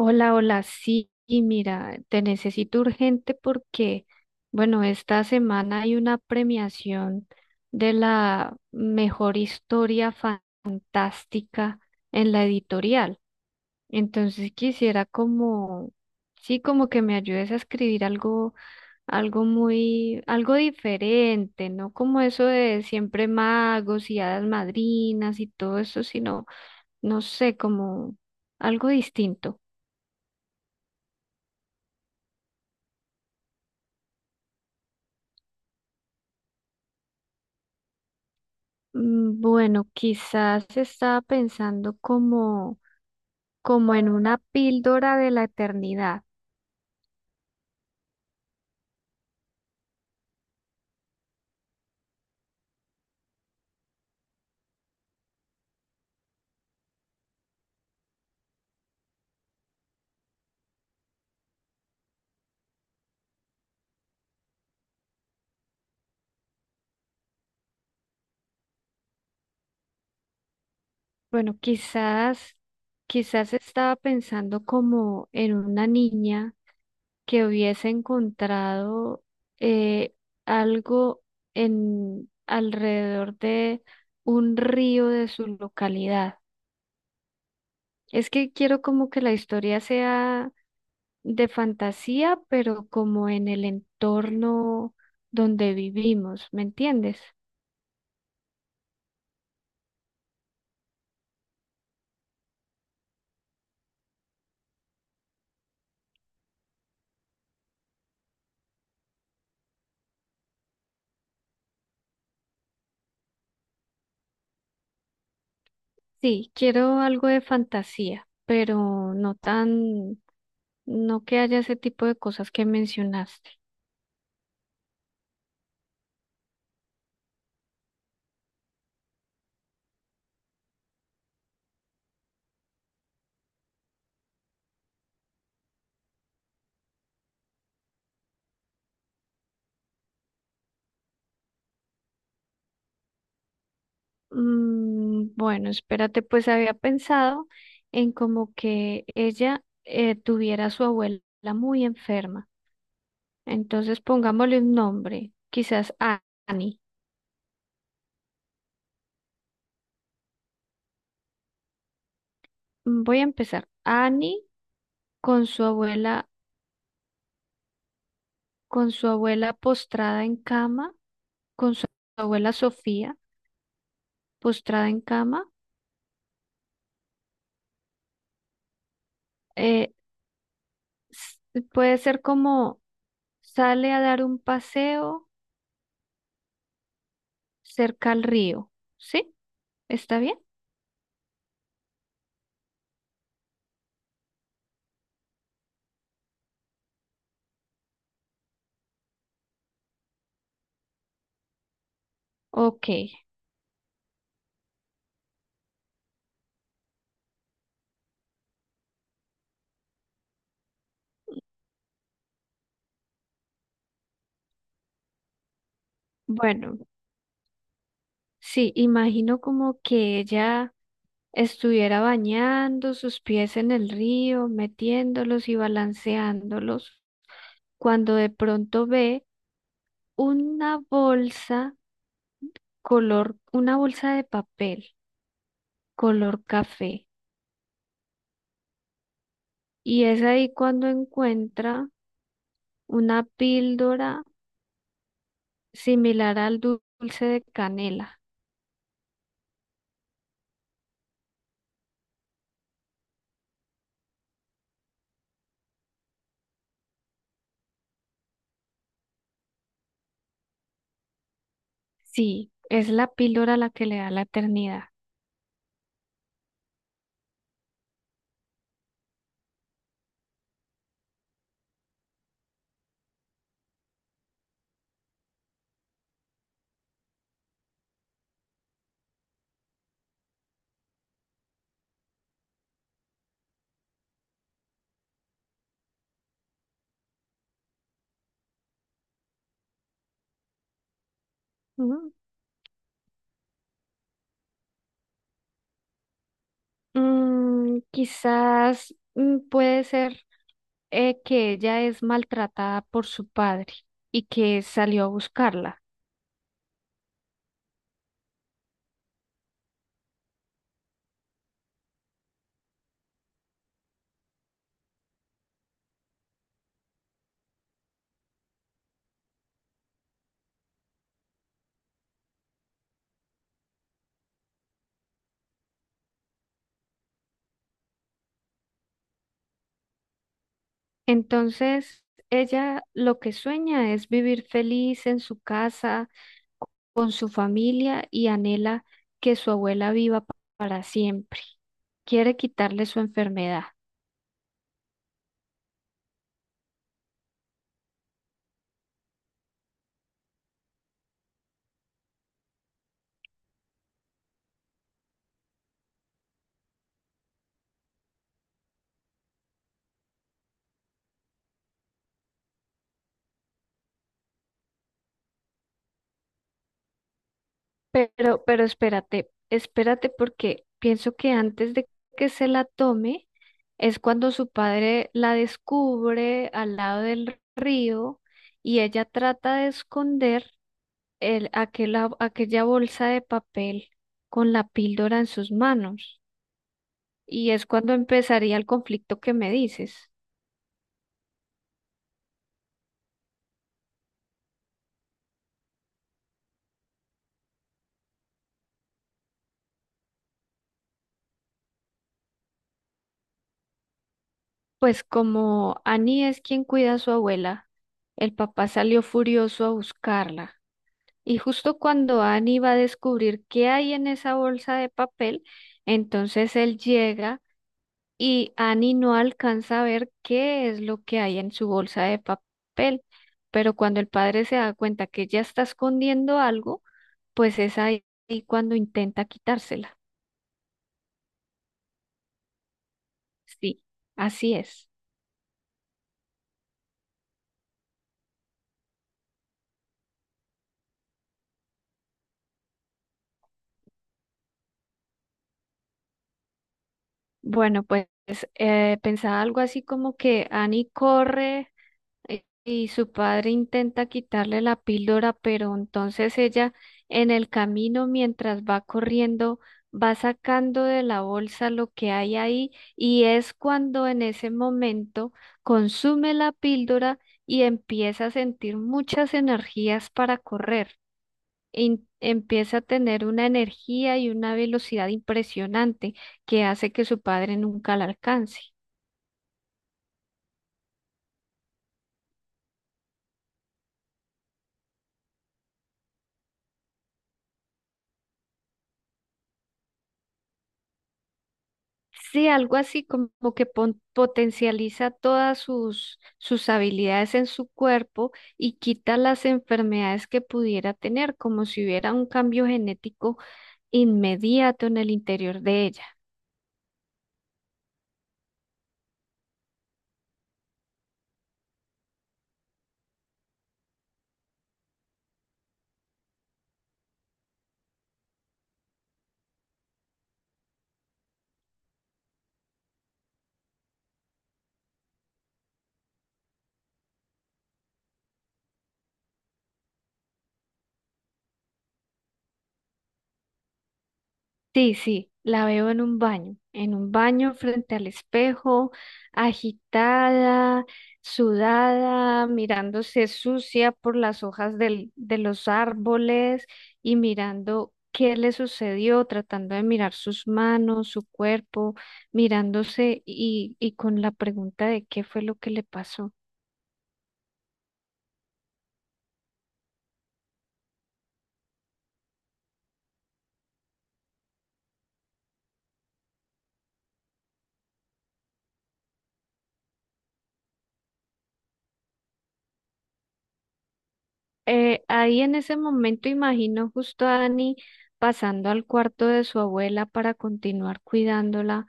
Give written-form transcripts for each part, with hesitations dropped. Hola, hola, sí, y mira, te necesito urgente porque, bueno, esta semana hay una premiación de la mejor historia fantástica en la editorial. Entonces quisiera como, sí, como que me ayudes a escribir algo, algo muy, algo diferente, no como eso de siempre magos y hadas madrinas y todo eso, sino, no sé, como algo distinto. Bueno, quizás estaba pensando como, como en una píldora de la eternidad. Bueno, quizás, quizás estaba pensando como en una niña que hubiese encontrado eh, algo en alrededor de un río de su localidad. Es que quiero como que la historia sea de fantasía, pero como en el entorno donde vivimos, ¿me entiendes? Sí, quiero algo de fantasía, pero no tan, no que haya ese tipo de cosas que mencionaste. Bueno, espérate, pues había pensado en como que ella tuviera a su abuela muy enferma. Entonces pongámosle un nombre, quizás Annie. Voy a empezar. Annie con su abuela con su abuela postrada en cama, con su abuela Sofía postrada en cama. eh, puede ser como sale a dar un paseo cerca al río, ¿sí? ¿Está bien? Ok, bueno, sí, imagino como que ella estuviera bañando sus pies en el río, metiéndolos y balanceándolos, cuando de pronto ve una bolsa color, una bolsa de papel, color café. Y es ahí cuando encuentra una píldora similar al dulce de canela. Sí, es la píldora la que le da la eternidad. Ujú. Quizás puede ser que ella es maltratada por su padre y que salió a buscarla. Entonces, ella lo que sueña es vivir feliz en su casa con su familia y anhela que su abuela viva para siempre. Quiere quitarle su enfermedad. Pero espérate, espérate porque pienso que antes de que se la tome es cuando su padre la descubre al lado del río y ella trata de esconder el, aquella bolsa de papel con la píldora en sus manos. Y es cuando empezaría el conflicto que me dices. Pues como Annie es quien cuida a su abuela, el papá salió furioso a buscarla. Y justo cuando Annie va a descubrir qué hay en esa bolsa de papel, entonces él llega y Annie no alcanza a ver qué es lo que hay en su bolsa de papel. Pero cuando el padre se da cuenta que ella está escondiendo algo, pues es ahí cuando intenta quitársela. Sí, así es. Bueno, pues pensaba algo así como que Annie corre, y su padre intenta quitarle la píldora, pero entonces ella en el camino mientras va corriendo va sacando de la bolsa lo que hay ahí y es cuando en ese momento consume la píldora y empieza a sentir muchas energías para correr, empieza a tener una energía y una velocidad impresionante que hace que su padre nunca la alcance. Sí, algo así como que potencializa todas sus, sus habilidades en su cuerpo y quita las enfermedades que pudiera tener, como si hubiera un cambio genético inmediato en el interior de ella. Sí, sí, la veo en un baño frente al espejo, agitada, sudada, mirándose sucia por las hojas de los árboles y mirando qué le sucedió, tratando de mirar sus manos, su cuerpo, mirándose y con la pregunta de qué fue lo que le pasó. Ahí en ese momento imagino justo a Dani pasando al cuarto de su abuela para continuar cuidándola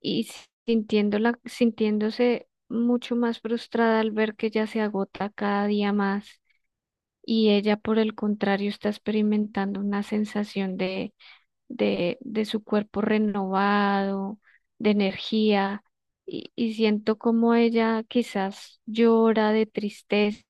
y sintiéndola, sintiéndose mucho más frustrada al ver que ella se agota cada día más y ella, por el contrario, está experimentando una sensación de su cuerpo renovado, de energía y siento como ella quizás llora de tristeza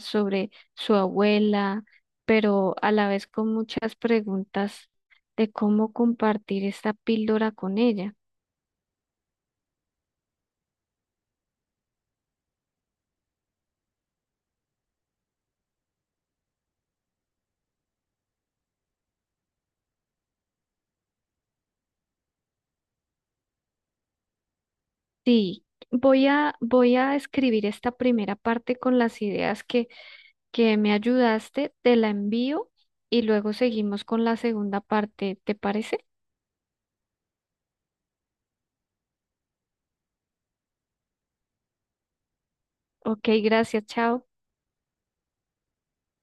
sobre su abuela, pero a la vez con muchas preguntas de cómo compartir esta píldora con ella. Sí, voy a, voy a escribir esta primera parte con las ideas que me ayudaste, te la envío y luego seguimos con la segunda parte, ¿te parece? Ok, gracias, chao.